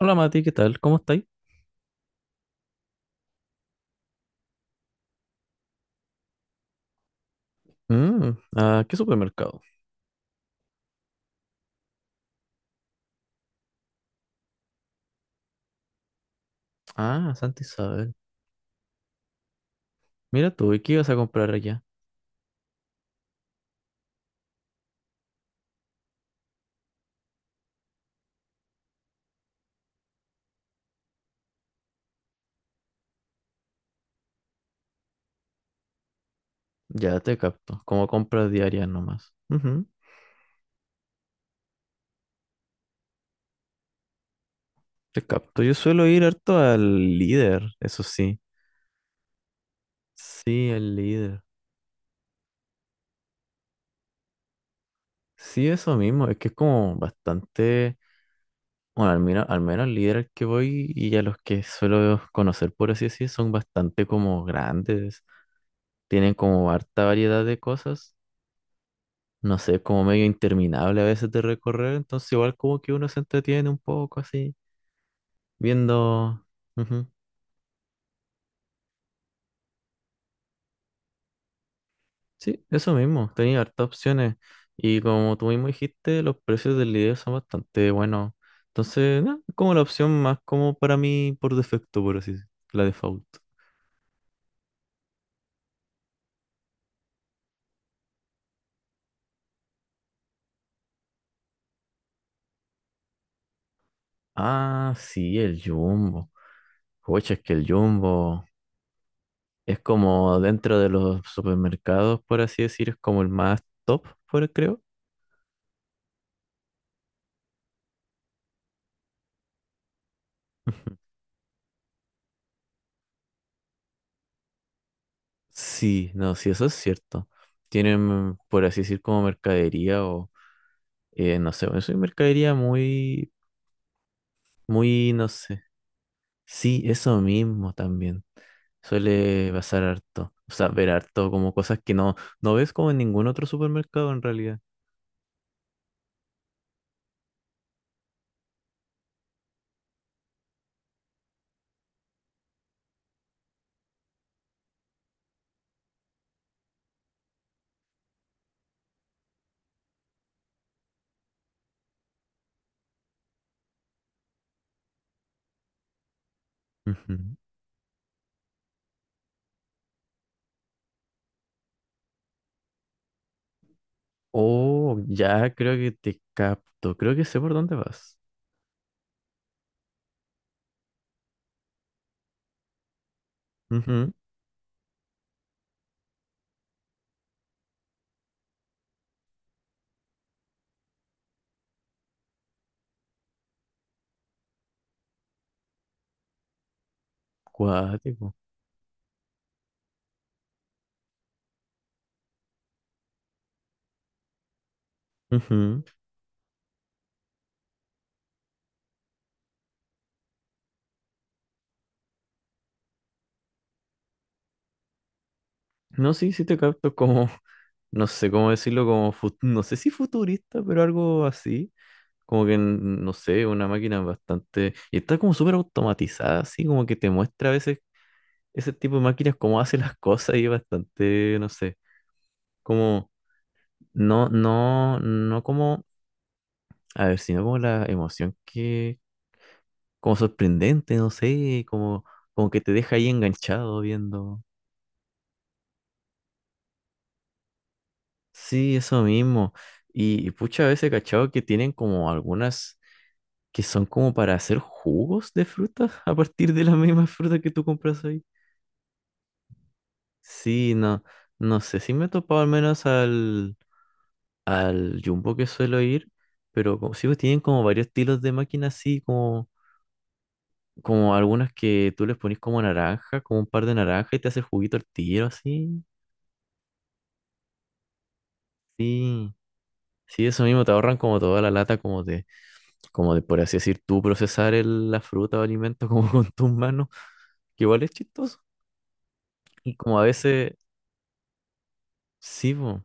Hola Mati, ¿qué tal? ¿Cómo estáis? Mm, ¿a qué supermercado? Ah, Santa Isabel. Mira tú, ¿y qué ibas a comprar allá? Ya te capto, como compras diarias nomás. Ujú, te capto. Yo suelo ir harto al líder, eso sí. Sí, el líder. Sí, eso mismo, es que es como bastante. Bueno, al menos, al menos al líder al que voy y a los que suelo conocer, por así decir, son bastante como grandes. Tienen como harta variedad de cosas, no sé, es como medio interminable a veces de recorrer, entonces igual como que uno se entretiene un poco así, viendo. Ujú. Sí, eso mismo, tenía hartas opciones y como tú mismo dijiste, los precios del video son bastante buenos, entonces no, es como la opción más como para mí por defecto, por así decirlo, la default. Ah, sí, el Jumbo. Oye, es que el Jumbo es como dentro de los supermercados, por así decir, es como el más top, por creo. Sí, no, sí, eso es cierto. Tienen, por así decir, como mercadería o, no sé, eso es mercadería muy, muy, no sé. Sí, eso mismo también. Suele pasar harto. O sea, ver harto como cosas que no, no ves como en ningún otro supermercado en realidad. Ujú. Oh, ya creo que te capto. Creo que sé por dónde vas. Ujú. Cuático. Ujú. No, sí, sí te capto, como no sé cómo decirlo, como, no sé si futurista, pero algo así. Como que, no sé, una máquina bastante. Y está como súper automatizada, así como que te muestra a veces ese tipo de máquinas cómo hace las cosas y es bastante, no sé, como, no, no, no como, a ver, sino como la emoción que, como sorprendente, no sé, como, como que te deja ahí enganchado viendo. Sí, eso mismo. Y pucha, a veces, he cachado, que tienen como algunas que son como para hacer jugos de frutas a partir de las mismas frutas que tú compras ahí. Sí, no, no sé si me he topado al menos al, al Jumbo que suelo ir, pero como, sí, pues tienen como varios estilos de máquinas así, como, como algunas que tú les pones como naranja, como un par de naranja y te hace el juguito al tiro, así. Sí, sí, eso mismo, te ahorran como toda la lata, como de por así decir, tú procesar la fruta o alimento como con tus manos, que igual es chistoso. Y como a veces, sí, po.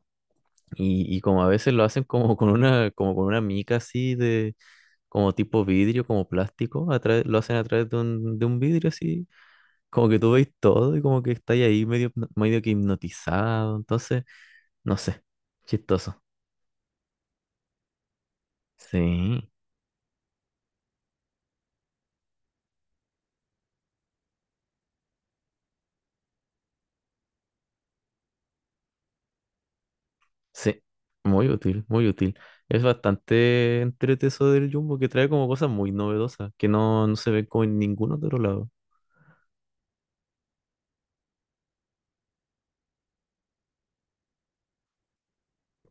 Y como a veces lo hacen como con una mica así de, como tipo vidrio, como plástico, lo hacen a través de un vidrio así, como que tú veis todo y como que estáis ahí medio, medio que hipnotizado, entonces, no sé, chistoso. Sí, sí, muy útil, muy útil. Es bastante entrete eso del Jumbo que trae como cosas muy novedosas, que no, no se ven como en ningún otro lado.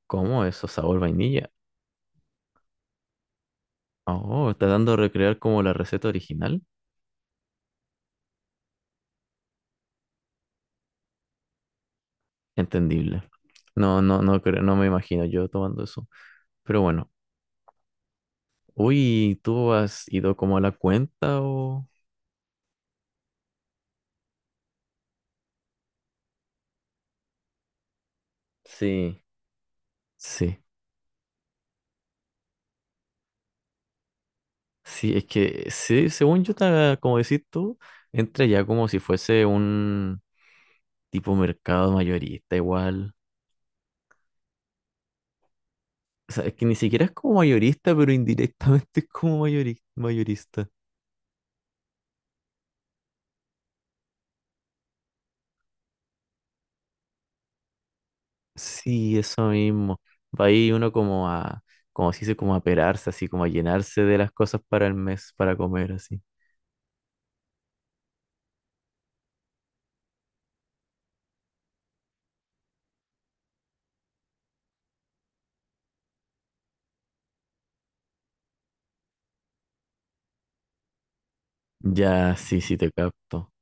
¿Cómo eso? Sabor vainilla. Oh, está dando a recrear como la receta original. Entendible. No, no, no creo, no me imagino yo tomando eso. Pero bueno, uy, ¿tú has ido como a la cuenta o? Sí, sí, sí, es que sí, según yo, como decís tú, entra ya como si fuese un tipo mercado mayorista igual. O sea, es que ni siquiera es como mayorista, pero indirectamente es como mayorista. Sí, eso mismo. Va ahí uno como a, como si se dice, como a perarse, así como a llenarse de las cosas para el mes, para comer, así. Ya, sí, sí, te capto.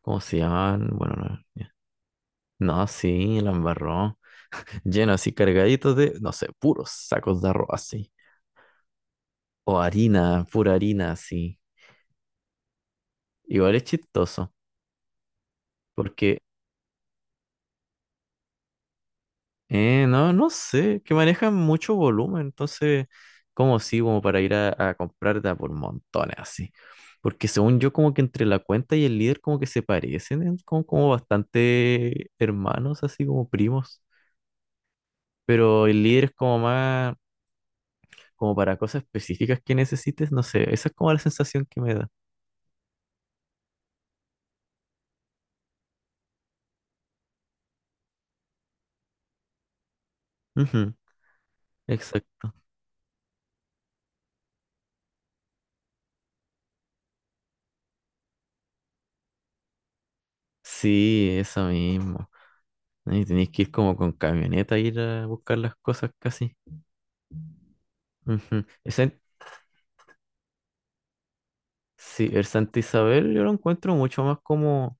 ¿Cómo se llamaban? Bueno, no, ya. No, sí, la embarró. Lleno así, cargadito de, no sé, puros sacos de arroz así. O harina, pura harina así. Igual es chistoso, porque, no, no sé, que manejan mucho volumen, entonces, como sí, como para ir a comprar de a por montones así. Porque según yo, como que entre la cuenta y el líder como que se parecen, como, como bastante hermanos, así como primos. Pero el líder es como más como para cosas específicas que necesites, no sé, esa es como la sensación que me da. Ujú, exacto. Sí, eso mismo. Y tenéis que ir como con camioneta a ir a buscar las cosas casi. Ujú. Sí, el Santa Isabel yo lo encuentro mucho más como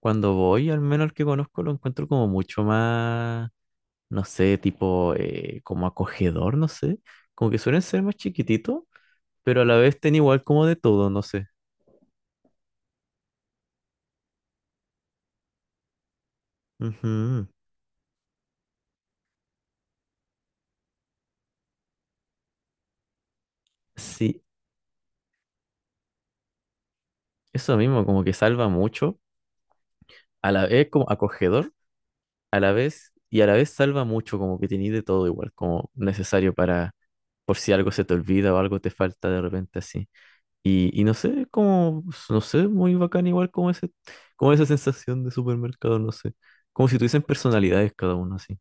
cuando voy, al menos el que conozco, lo encuentro como mucho más, no sé, tipo como acogedor, no sé. Como que suelen ser más chiquititos, pero a la vez ten igual como de todo, no sé. Ujú. Sí, eso mismo, como que salva mucho, a la vez como acogedor, a la vez, y a la vez salva mucho, como que tenéis de todo igual, como necesario para, por si algo se te olvida o algo te falta de repente así. Y no sé, como, no sé, muy bacán igual como ese, como esa sensación de supermercado, no sé, como si tuviesen personalidades cada uno así.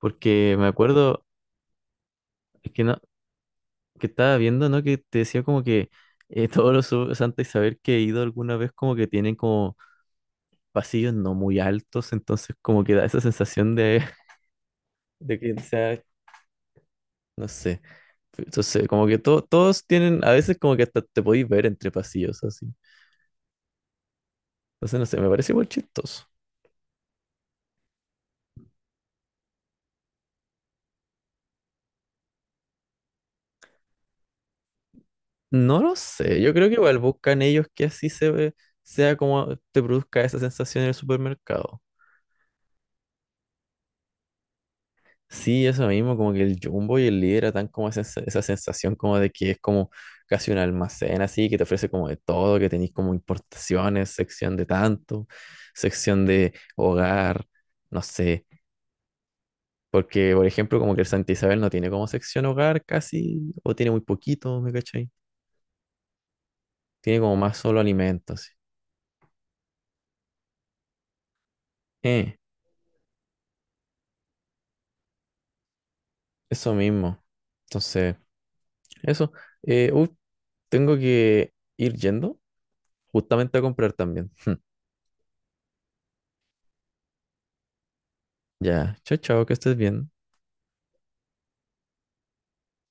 Porque me acuerdo que no, que estaba viendo, ¿no? Que te decía como que todos los Santa Isabel que he ido alguna vez como que tienen como pasillos no muy altos, entonces como que da esa sensación de, de que, o sea, no sé. Entonces, como que todos tienen, a veces como que hasta te podéis ver entre pasillos así. Entonces, no sé, me parece muy chistoso. No lo sé, yo creo que igual buscan ellos que así se ve, sea como te produzca esa sensación en el supermercado. Sí, eso mismo, como que el Jumbo y el Líder dan como esa, esa sensación como de que es como casi un almacén así, que te ofrece como de todo, que tenéis como importaciones, sección de tanto, sección de hogar, no sé, porque por ejemplo como que el Santa Isabel no tiene como sección hogar casi, o tiene muy poquito, ¿me cachai? Tiene como más solo alimentos. Eh, eso mismo. Entonces, eso. Eh, uh, tengo que ir yendo justamente a comprar también. Ya, chao, chao, que estés bien.